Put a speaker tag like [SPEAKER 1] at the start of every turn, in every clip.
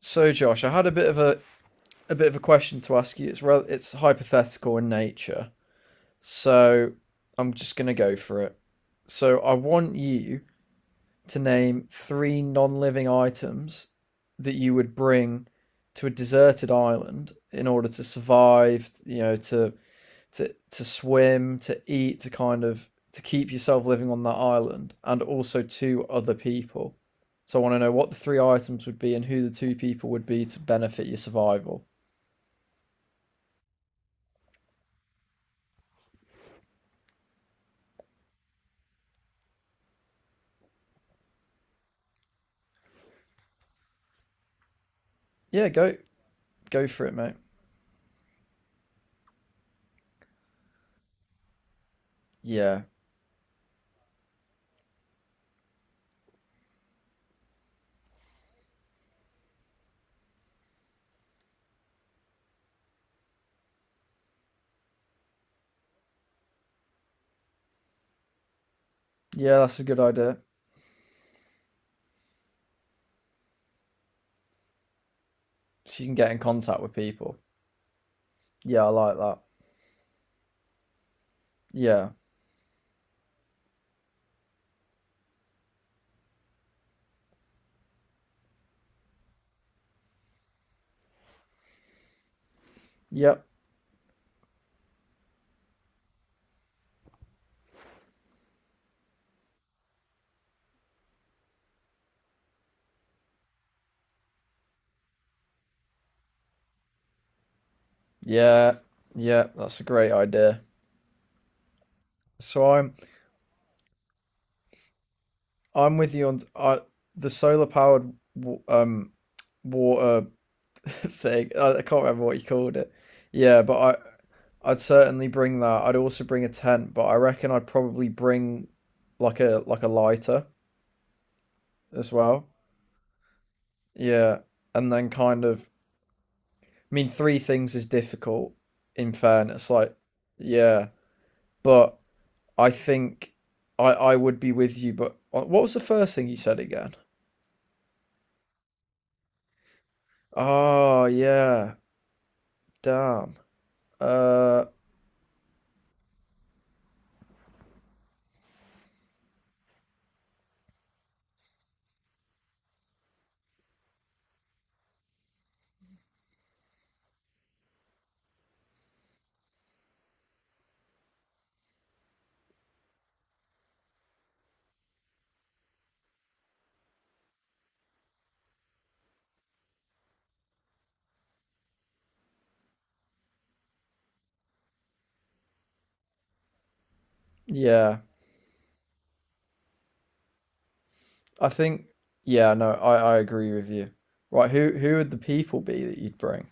[SPEAKER 1] So, Josh, I had a bit of a question to ask you. It's hypothetical in nature, so I'm just gonna go for it. So, I want you to name three non-living items that you would bring to a deserted island in order to survive. You know, to swim, to eat, to kind of to keep yourself living on that island, and also two other people. So, I want to know what the three items would be and who the two people would be to benefit your survival. Yeah, go for it, mate. Yeah. Yeah, that's a good idea. She can get in contact with people. Yeah, I like that. Yeah. Yep. Yeah. Yeah, that's a great idea. So I'm with you on I the solar powered um water thing. I can't remember what you called it. Yeah, but I'd certainly bring that. I'd also bring a tent, but I reckon I'd probably bring like a lighter as well. Yeah, and then I mean, three things is difficult. In fairness, like yeah, but I think I would be with you. But what was the first thing you said again? Oh yeah, damn. Uh, yeah. I think yeah. No, I agree with you. Right, who would the people be that you'd bring?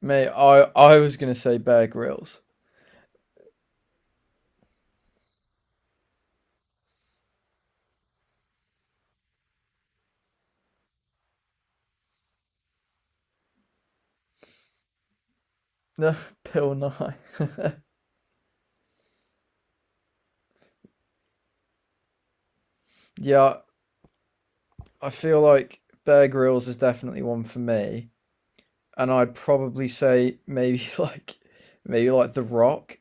[SPEAKER 1] Mate, I was gonna say Bear Grylls. No, Bill Nye. Yeah, I feel like Bear Grylls is definitely one for me. And I'd probably say maybe like maybe like The Rock,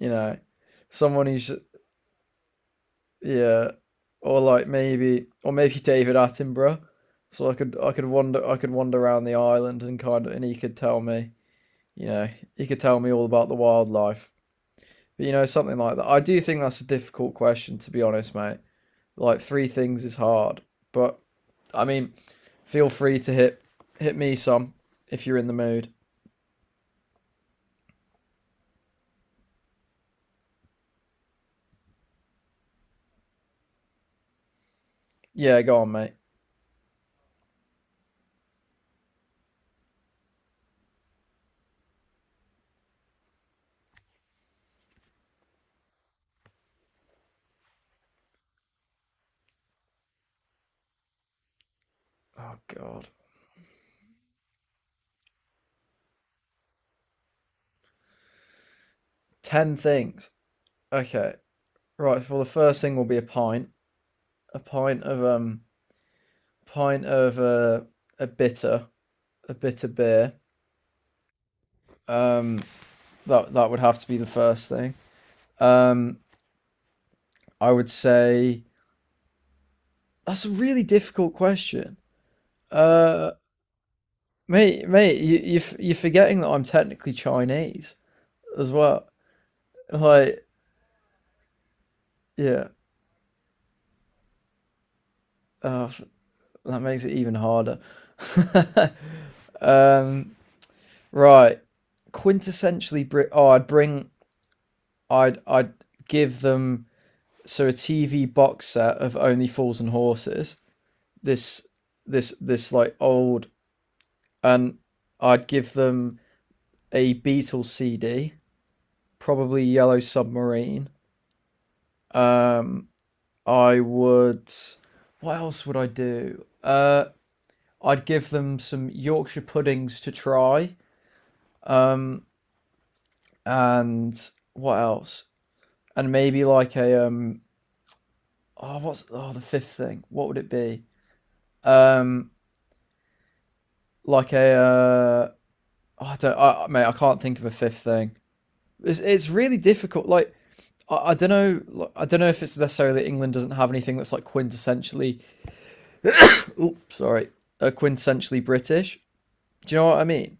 [SPEAKER 1] you know, someone who's yeah, or maybe David Attenborough. So I could wander around the island and kind of and he could tell me, you know, he could tell me all about the wildlife. But you know, something like that. I do think that's a difficult question to be honest, mate. Like three things is hard, but I mean, feel free to hit me some if you're in the mood. Yeah, go on, mate. Oh God. Ten things. Okay. Right. Well, the first thing will be a pint. A pint of pint of uh, a bitter, a bitter beer. Um, that that would have to be the first thing. Um, I would say that's a really difficult question. Uh, mate, you're forgetting that I'm technically Chinese as well. Like, yeah. Oh, that makes it even harder. um, right. Quintessentially Brit. Oh, I'd bring I'd give them a TV box set of Only Fools and Horses. This this like old and I'd give them a Beatles CD, probably Yellow Submarine. Um, I would. What else would I do? I'd give them some Yorkshire puddings to try. Um, and what else? And maybe like a. Oh, what's oh the fifth thing? What would it be? Um, like a oh, I don't I, mate. I can't think of a fifth thing. It's really difficult. Like I don't know. Like, I don't know if it's necessarily that England doesn't have anything that's like quintessentially. Oops, sorry, quintessentially British. Do you know what I mean?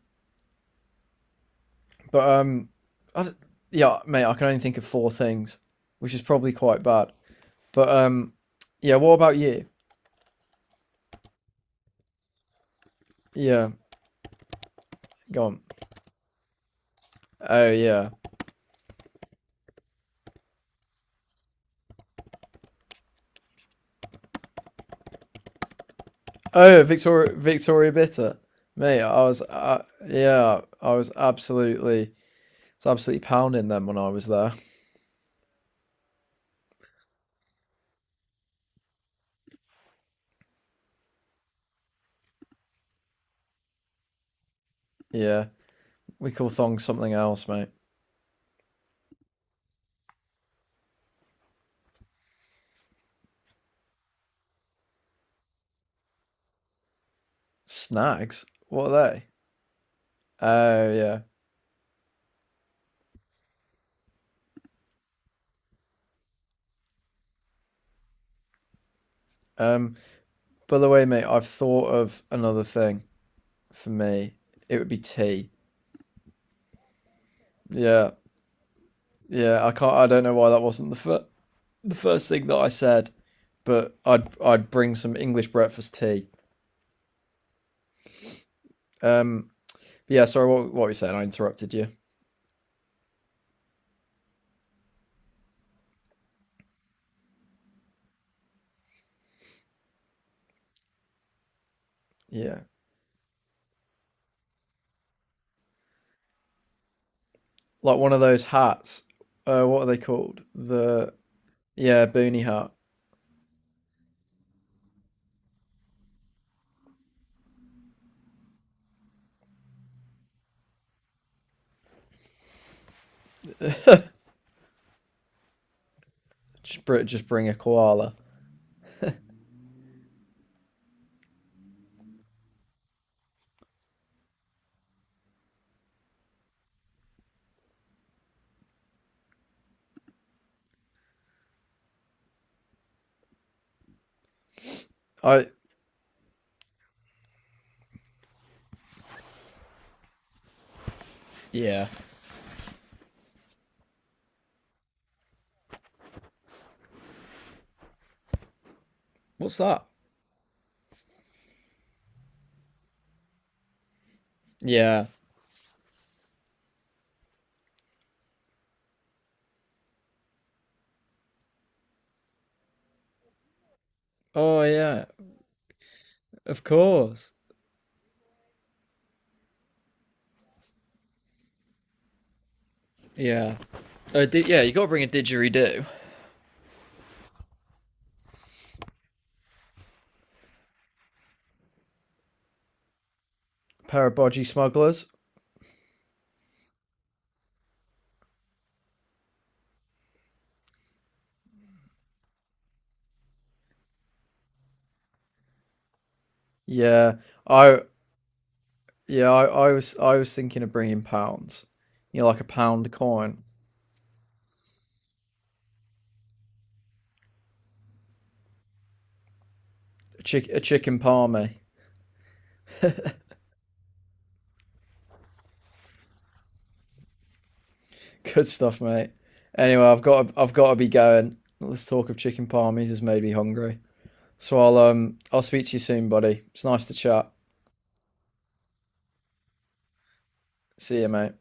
[SPEAKER 1] But I, yeah, mate. I can only think of four things, which is probably quite bad. But yeah. What about you? Yeah, go on. Oh yeah. Oh Victoria Bitter. Mate, I was yeah, I was absolutely It's absolutely pounding them when I was there. Yeah, we call thongs something else, mate. Snags? What are they? Oh yeah. Um, by the way, mate, I've thought of another thing for me. It would be tea. Yeah, yeah. I can't. I don't know why that wasn't the first thing that I said, but I'd bring some English breakfast tea. Um, yeah. Sorry, what were you saying? I interrupted you. Yeah, like one of those hats. What are they called? The yeah, boonie hat. Just bring a koala. I yeah. What's that? Yeah. Oh yeah. Of course. Yeah. Yeah. You got to bring a didgeridoo. Pair of bodgy smugglers. Yeah. I yeah. I was thinking of bringing pounds. You know, like a pound coin. A chicken palmy. Good stuff, mate. Anyway, I've got to be going. Let's talk of chicken palmies has made me hungry. So I'll speak to you soon, buddy. It's nice to chat. See you, mate.